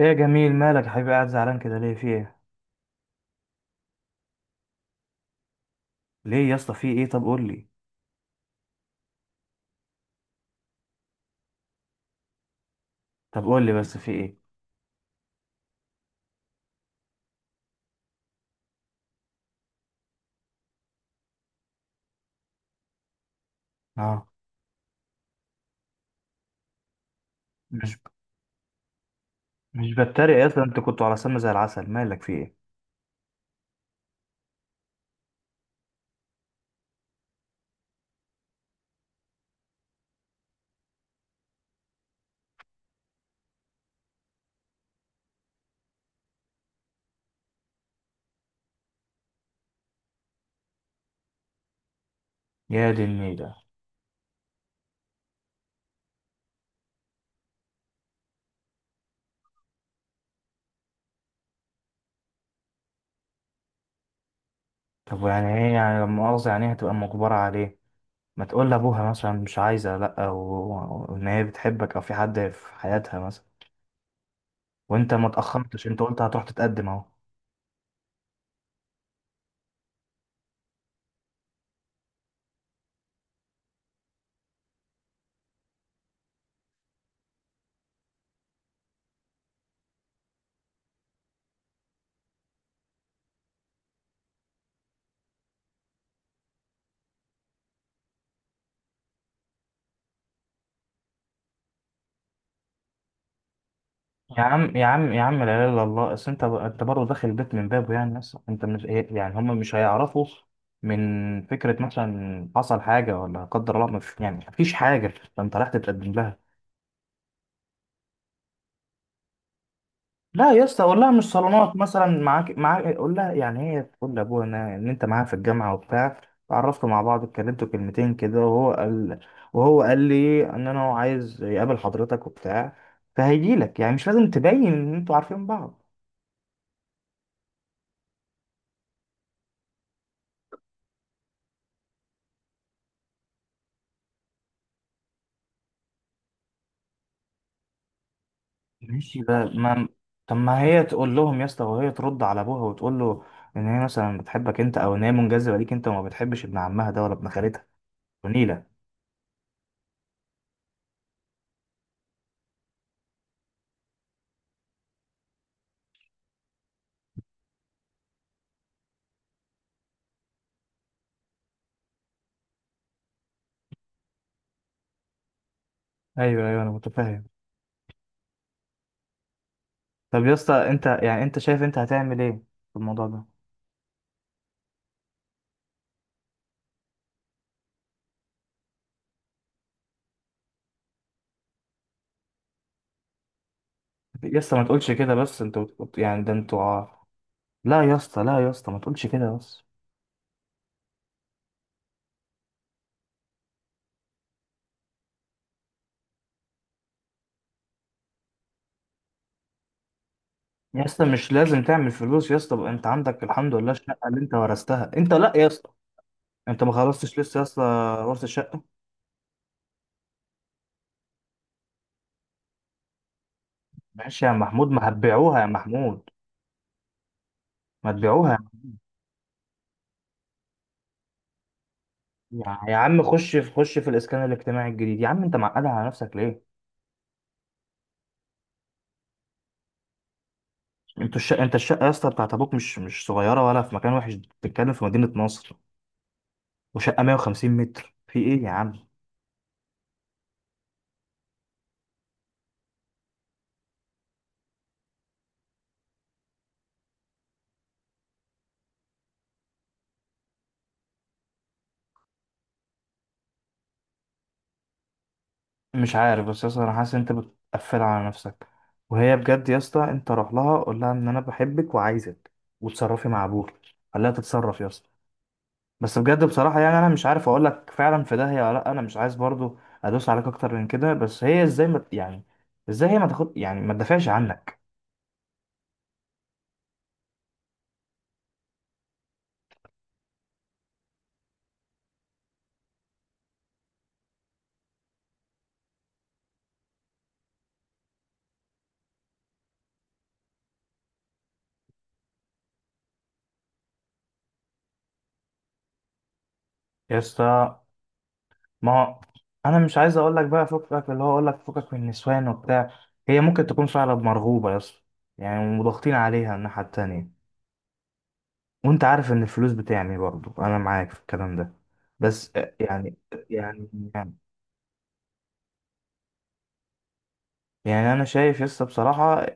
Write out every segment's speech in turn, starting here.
ايه يا جميل؟ مالك يا حبيبي قاعد زعلان كده ليه؟ في ايه؟ ليه يا اسطى؟ في ايه؟ طب قول لي. طب قول لي بس، في ايه؟ اه مش مش بتريق يا اسطى، انت كنت على سم زي العسل، مالك؟ في ايه؟ يا دي النيلة. طب يعني ايه؟ يعني لما مؤاخذة، يعني هتبقى مجبرة عليه؟ ما تقول لابوها مثلا مش عايزة، لا و- وان هي بتحبك او في حد في حياتها مثلا، وانت ما اتأخرتش، انت قلت هتروح تتقدم اهو. يا عم يا عم يا عم، لا اله الا الله. اصل انت برضه داخل البيت من بابه، يعني ناس، انت مش يعني هم مش هيعرفوا من فكره مثلا حصل حاجه، ولا قدر الله مش يعني مفيش حاجه، فانت رايح تتقدم لها. لا يا اسطى، قول لها مش صالونات مثلا. معاك قول لها يعني هي تقول لابوها إن انت معاها في الجامعه وبتاع، اتعرفتوا مع بعض، اتكلمتوا كلمتين كده، وهو قال لي ان انا عايز يقابل حضرتك وبتاع، فهيجي لك. يعني مش لازم تبين ان انتوا عارفين بعض. ماشي بقى. ما طب ما هي تقول لهم يا اسطى، وهي ترد على ابوها وتقول له ان هي مثلا بتحبك انت، او ان هي منجذبه ليك انت، وما بتحبش ابن عمها ده ولا ابن خالتها. ونيله. ايوه ايوه، انا متفاهم. طب يا اسطى انت يعني انت شايف انت هتعمل ايه في الموضوع ده؟ يا اسطى ما تقولش كده بس، انت بت- يعني ده انتوا ع-. لا يا اسطى، لا يا اسطى، ما تقولش كده بس. يا اسطى مش لازم تعمل فلوس يا اسطى بقى. انت عندك الحمد لله الشقه اللي انت ورثتها. انت لا يا اسطى، انت ما خلصتش لسه يا اسطى. ورث الشقه. ماشي يا محمود، ما هتبيعوها يا محمود، ما تبيعوها. يا عم، خش في الاسكان الاجتماعي الجديد يا عم. انت معقدها على نفسك ليه؟ انتوا الشقه، انت الشقه يا اسطى بتاعت ابوك مش صغيره، ولا في مكان وحش، بتتكلم في مدينه نصر، وشقه 150 متر في ايه يا عم؟ مش عارف، بس يا اسطى انا حاسس ان انت بتقفلها على نفسك. وهي بجد يا اسطى، انت روح لها قول لها ان انا بحبك وعايزك، وتصرفي مع ابوك. خليها تتصرف يا اسطى. بس بجد بصراحة يعني أنا مش عارف أقول لك، فعلا في داهية ولا لأ. أنا مش عايز برضو أدوس عليك أكتر من كده، بس هي إزاي ما يعني، إزاي هي ما تاخد يعني ما تدافعش عنك؟ يا اسطى ما هو أنا مش عايز أقول لك بقى فكك، اللي هو أقول لك فكك من النسوان وبتاع. هي ممكن تكون فعلا مرغوبة يا اسطى، يعني وضاغطين عليها الناحية التانية، وأنت عارف إن الفلوس بتعني، برضو أنا معاك في الكلام ده، بس يعني. يعني يعني يعني أنا شايف يا اسطى بصراحة،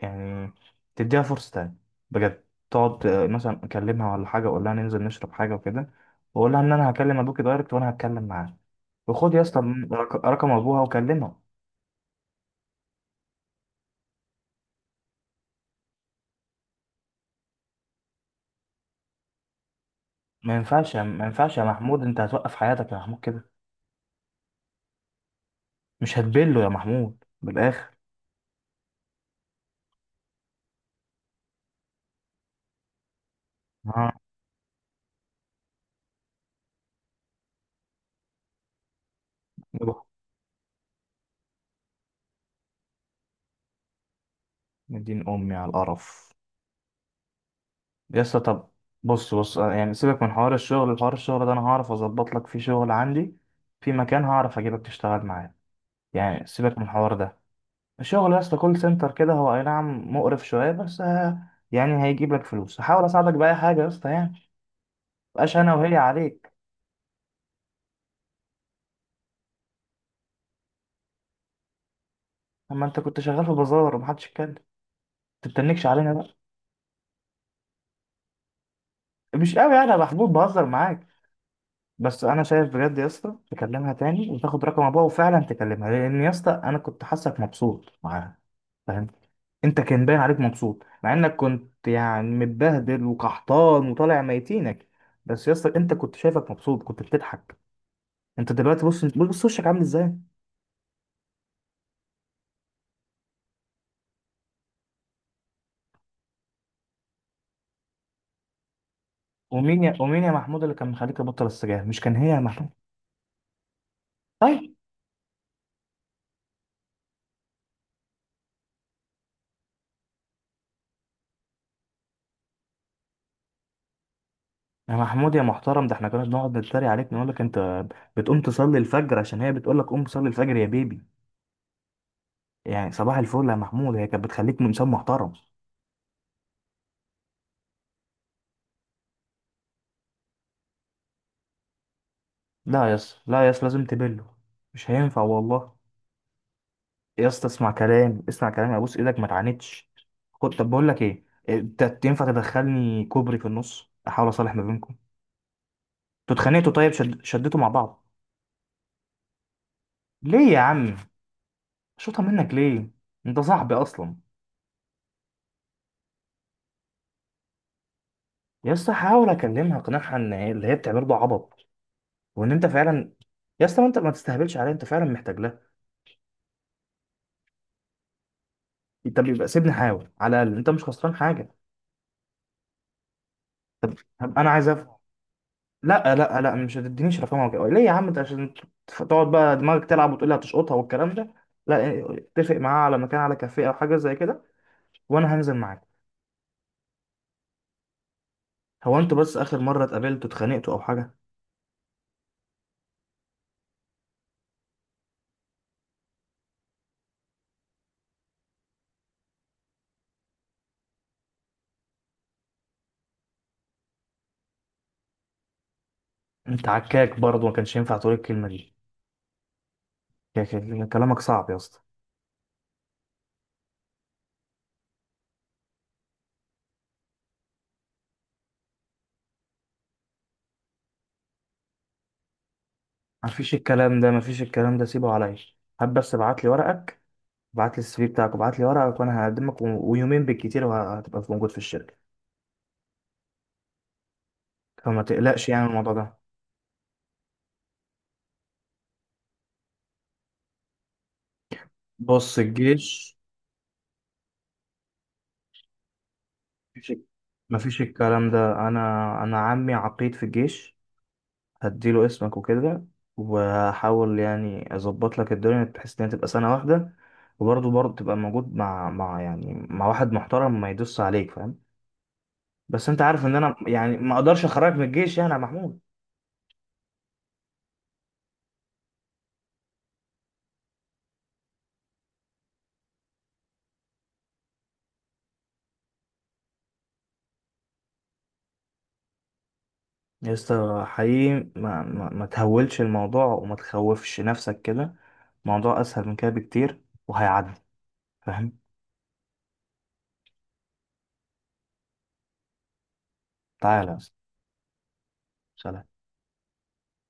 يعني تديها فرصة تانية بجد. تقعد مثلا أكلمها ولا حاجة، وأقول لها ننزل نشرب حاجة وكده، وأقول لها إن أنا هكلم أبوكي دايركت وأنا هتكلم معاه. وخد يا اسطى رقم أبوها وكلمه. ما ينفعش يا محمود، أنت هتوقف حياتك يا محمود كده. مش هتبله يا محمود بالآخر؟ ها. يروح مدين أمي على القرف. يا اسطى طب، بص بص، يعني سيبك من حوار الشغل. حوار الشغل ده أنا هعرف أظبط لك فيه شغل عندي، في مكان هعرف أجيبك تشتغل معايا. يعني سيبك من الحوار ده. الشغل يا اسطى كول سنتر كده، هو اي نعم مقرف شويه، بس يعني هيجيب لك فلوس. هحاول اساعدك باي حاجه يا اسطى يعني. مبقاش انا وهي عليك. اما انت كنت شغال في بازار ومحدش اتكلم، تتنكش علينا بقى؟ مش قوي، يعني انا محبوب بهزر معاك. بس انا شايف بجد يا اسطى، تكلمها تاني وتاخد رقم ابوها وفعلا تكلمها، لان يا اسطى انا كنت حاسك مبسوط معاها، فاهم؟ انت كان باين عليك مبسوط، مع انك كنت يعني متبهدل وقحطان وطالع ميتينك، بس يا اسطى انت كنت شايفك مبسوط، كنت بتضحك. انت دلوقتي بص، انت بص وشك عامل ازاي. ومين يا محمود اللي كان مخليك تبطل السجاير؟ مش كان هي يا محمود؟ طيب يا محمود يا محترم، ده احنا كنا بنقعد نتريق عليك، نقول لك انت بتقوم تصلي الفجر عشان هي بتقول لك قوم صلي الفجر يا بيبي. يعني صباح الفل يا محمود، هي كانت بتخليك من انسان محترم. لا يس، لا يس، لازم تبله. مش هينفع والله. يا اسطى اسمع كلام، اسمع كلامي، ابوس ايدك ما تعاندش. خد، طب بقول لك ايه، انت تنفع تدخلني كوبري في النص، احاول اصالح ما بينكم. انتوا اتخانقتوا؟ طيب شد... شدتوا مع بعض؟ ليه يا عم؟ شوطها منك ليه؟ انت صاحبي اصلا. يا اسطى حاول اكلمها اقنعها ان اللي هي بتعمله ده عبط، وان انت فعلا. يا اسطى ما انت ما تستهبلش عليها، انت فعلا محتاج لها. انت بيبقى سيبني احاول، على الاقل انت مش خسران حاجه. طب انا عايز افهم. لا لا لا، مش هتدينيش رقمها وكده. ليه يا عم انت؟ عشان تقعد بقى دماغك تلعب وتقول لي هتشقطها والكلام ده؟ لا اتفق معاها على مكان، على كافيه او حاجه زي كده، وانا هنزل معاك. هو انتوا بس اخر مره اتقابلتوا اتخانقتوا او حاجه؟ انت عكاك برضه، ما كانش ينفع تقول الكلمه دي. كلامك صعب يا اسطى. مفيش الكلام ده، مفيش الكلام ده، سيبه عليا. هات بس ابعت لي ورقك، ابعت لي السي في بتاعك وابعت لي ورقك، وانا هقدمك ويومين بالكتير وهتبقى موجود في الشركه، فما تقلقش يعني من الموضوع ده. بص الجيش، مفيش مفيش الكلام ده. انا انا عمي عقيد في الجيش، هديله اسمك وكده، وهحاول يعني اظبط لك الدنيا بحيث انها تبقى سنه واحده، وبرضه تبقى موجود مع مع واحد محترم ما يدوس عليك، فاهم؟ بس انت عارف ان انا يعني ما اقدرش اخرجك من الجيش يعني يا محمود. يا اسطى حقيقي، ما تهولش الموضوع وما تخوفش نفسك كده، الموضوع اسهل من كده بكتير وهيعدي، فاهم؟ تعالى يا اسطى. سلام.